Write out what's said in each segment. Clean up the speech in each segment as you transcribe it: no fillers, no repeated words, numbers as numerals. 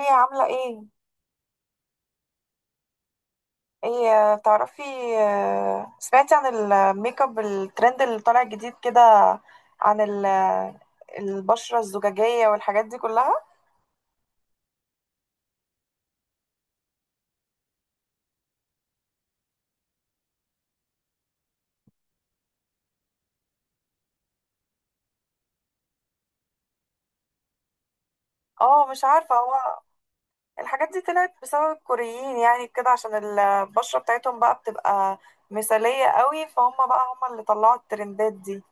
ايه عاملة ايه؟ ايه، تعرفي، سمعتي عن الميك اب الترند اللي طالع جديد كده، عن ال- البشرة الزجاجية والحاجات دي كلها؟ اه، مش عارفة. هو الحاجات دي طلعت بسبب الكوريين يعني كده، عشان البشرة بتاعتهم بقى بتبقى مثالية قوي، فهم بقى هم اللي طلعوا الترندات دي.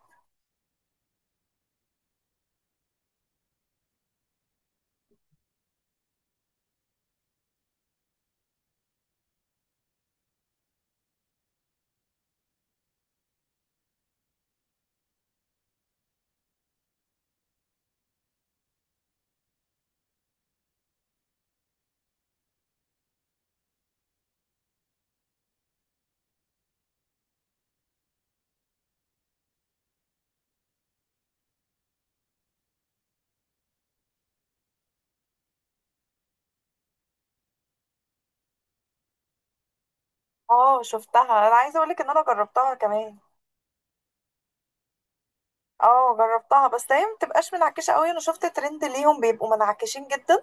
اه شفتها. انا عايزة اقولك ان انا جربتها كمان. اه جربتها، بس هي ما بتبقاش منعكشه قوي. انا شفت ترند ليهم بيبقوا منعكشين جدا،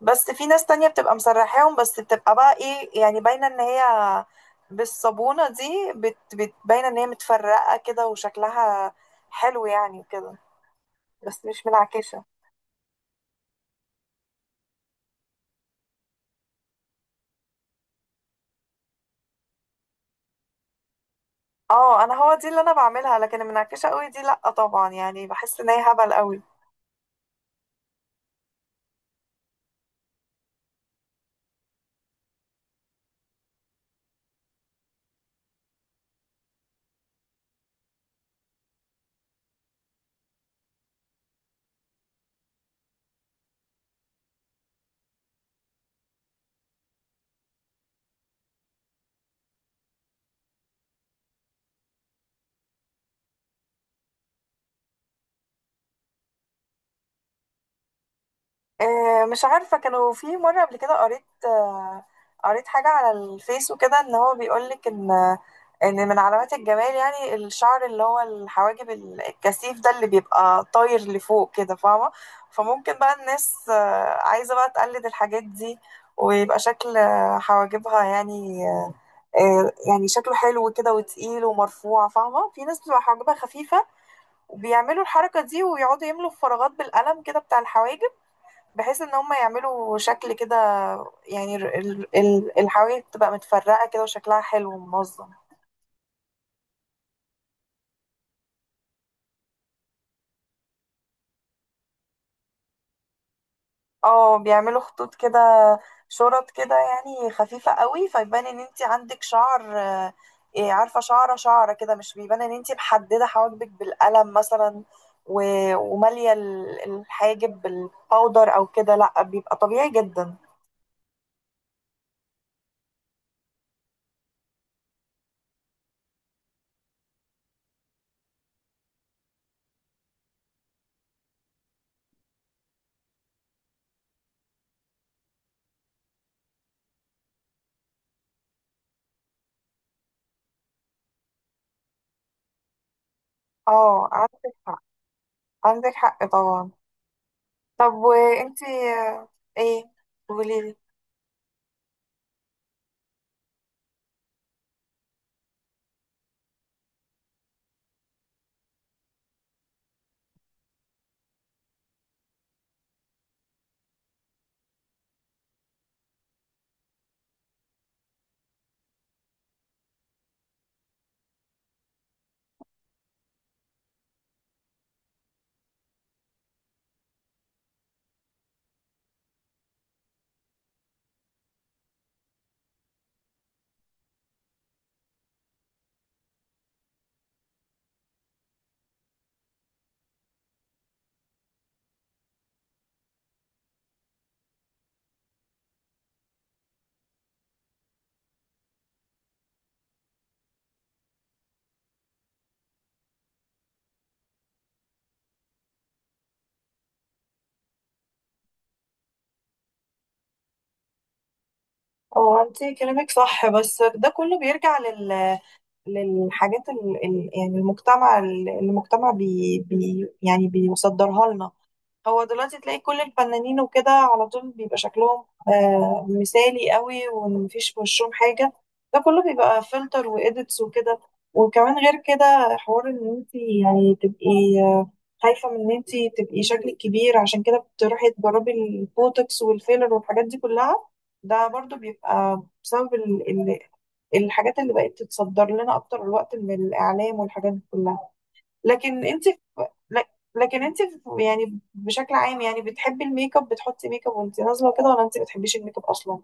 بس في ناس تانية بتبقى مسرحاهم بس، بتبقى بقى ايه يعني، باينه ان هي بالصابونه دي بت بت باينه ان هي متفرقه كده وشكلها حلو يعني كده، بس مش منعكشه. اه، انا هو دي اللي انا بعملها، لكن المنعكشه قوي دي لا طبعا، يعني بحس ان هي هبل قوي. مش عارفة، كانوا في مرة قبل كده قريت، قريت حاجة على الفيس وكده، ان هو بيقولك ان من علامات الجمال يعني الشعر اللي هو الحواجب الكثيف ده اللي بيبقى طاير لفوق كده، فاهمة؟ فممكن بقى الناس عايزة بقى تقلد الحاجات دي، ويبقى شكل حواجبها يعني، يعني شكله حلو كده وتقيل ومرفوع، فاهمة؟ في ناس بتبقى حواجبها خفيفة، وبيعملوا الحركة دي، ويقعدوا يملوا الفراغات بالقلم كده بتاع الحواجب، بحيث ان هم يعملوا شكل كده يعني الحواجز بتبقى متفرقة كده وشكلها حلو ومنظم. اه بيعملوا خطوط كده شرط كده، يعني خفيفة قوي فيبان ان انت عندك شعر، إيه، عارفة، شعرة شعرة كده، مش بيبان ان انت محددة حواجبك بالقلم مثلا، ومالية الحاجب بالباودر او كده، لا بيبقى طبيعي جدا. اه عندك حق. عندك حق طبعا. طب وانتي؟ آه، ايه، قولي. اه انت كلامك صح، بس ده كله بيرجع للحاجات يعني المجتمع، اللي المجتمع يعني بيصدرها لنا. هو دلوقتي تلاقي كل الفنانين وكده على طول بيبقى شكلهم مثالي قوي، ومفيش في وشهم حاجة. ده كله بيبقى فلتر وإيديتس وكده. وكمان غير كده، حوار إن أنت يعني تبقي، آه، خايفة من إن أنت تبقي شكلك كبير، عشان كده بتروحي تجربي البوتوكس والفيلر والحاجات دي كلها. ده برضو بيبقى بسبب ال ال الحاجات اللي بقت تتصدر لنا أكتر الوقت من الإعلام والحاجات دي كلها. لكن انت في... لك- لكن انت في... يعني بشكل عام، يعني بتحبي الميك اب؟ بتحطي ميك اب وانت نازله وكده، ولا انت بتحبيش الميك اب اصلا؟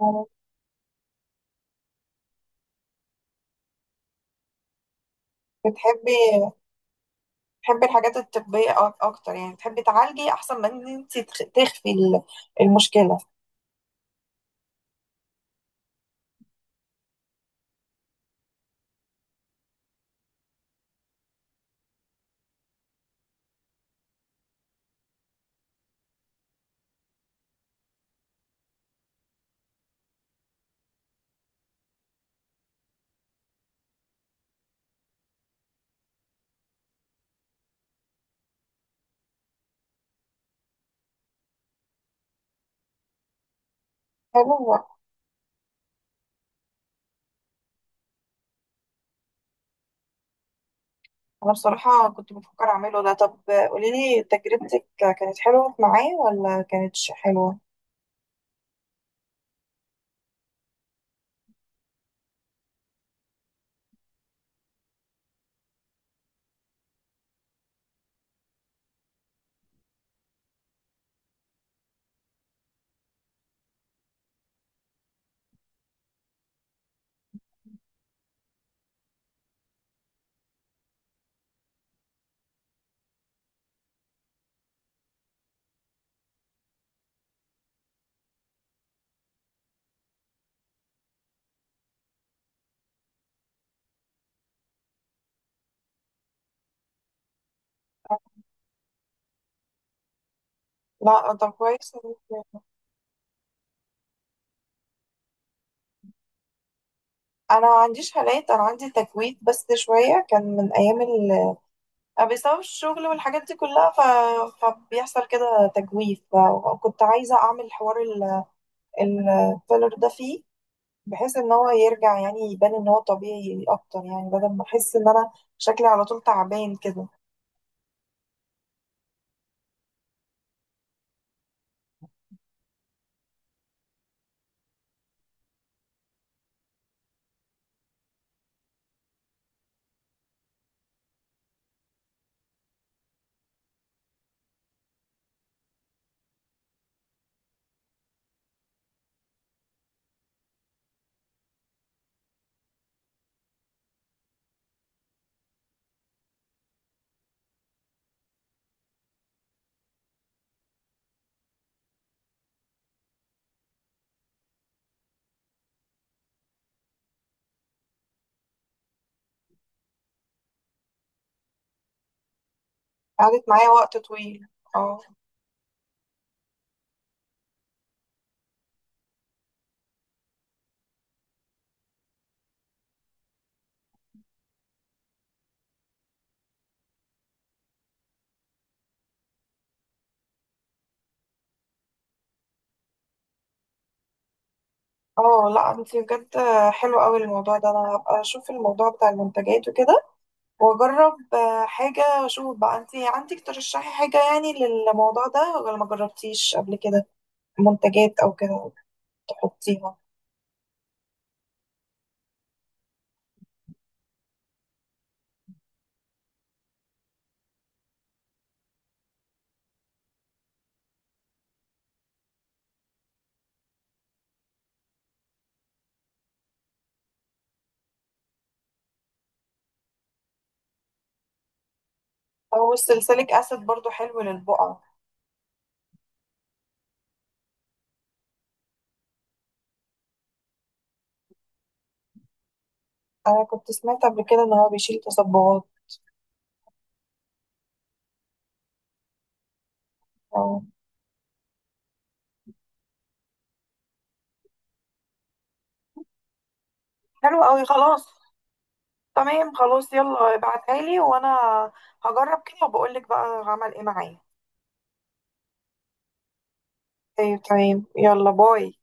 يعني بتحبي بتحبي الحاجات الطبيه اكتر، يعني بتحبي تعالجي احسن من ان انت تخفي المشكله؟ حلو. انا بصراحه كنت بفكر اعمله ده. طب قولي لي، تجربتك كانت حلوه معايا ولا كانتش حلوه؟ لا طب كويس. انا ما عنديش هالات، انا عندي تكويت بس شويه، كان من ايام بسبب الشغل والحاجات دي كلها، فبيحصل كده تجويف، وكنت عايزة أعمل حوار الفيلر ده فيه، بحيث إن هو يرجع يعني يبان إن هو طبيعي أكتر، يعني بدل ما أحس إن أنا شكلي على طول تعبان كده. قعدت معايا وقت طويل. اه. اه لا انتي بجد حلو قوي الموضوع ده. انا هبقى اشوف الموضوع بتاع المنتجات وكده، واجرب حاجة واشوف. بقى انتي عندك ترشحي حاجة يعني للموضوع ده، ولا ما جربتيش قبل كده منتجات او كده؟ حطيها. او السلسليك اسيد برضو حلو للبقعه. انا كنت سمعت قبل كده ان هو بيشيل تصبغات. أو. حلو قوي خلاص. تمام خلاص، يلا ابعتها لي، وانا هجرب كده وبقول لك بقى عمل ايه معايا. طيب تمام، يلا باي.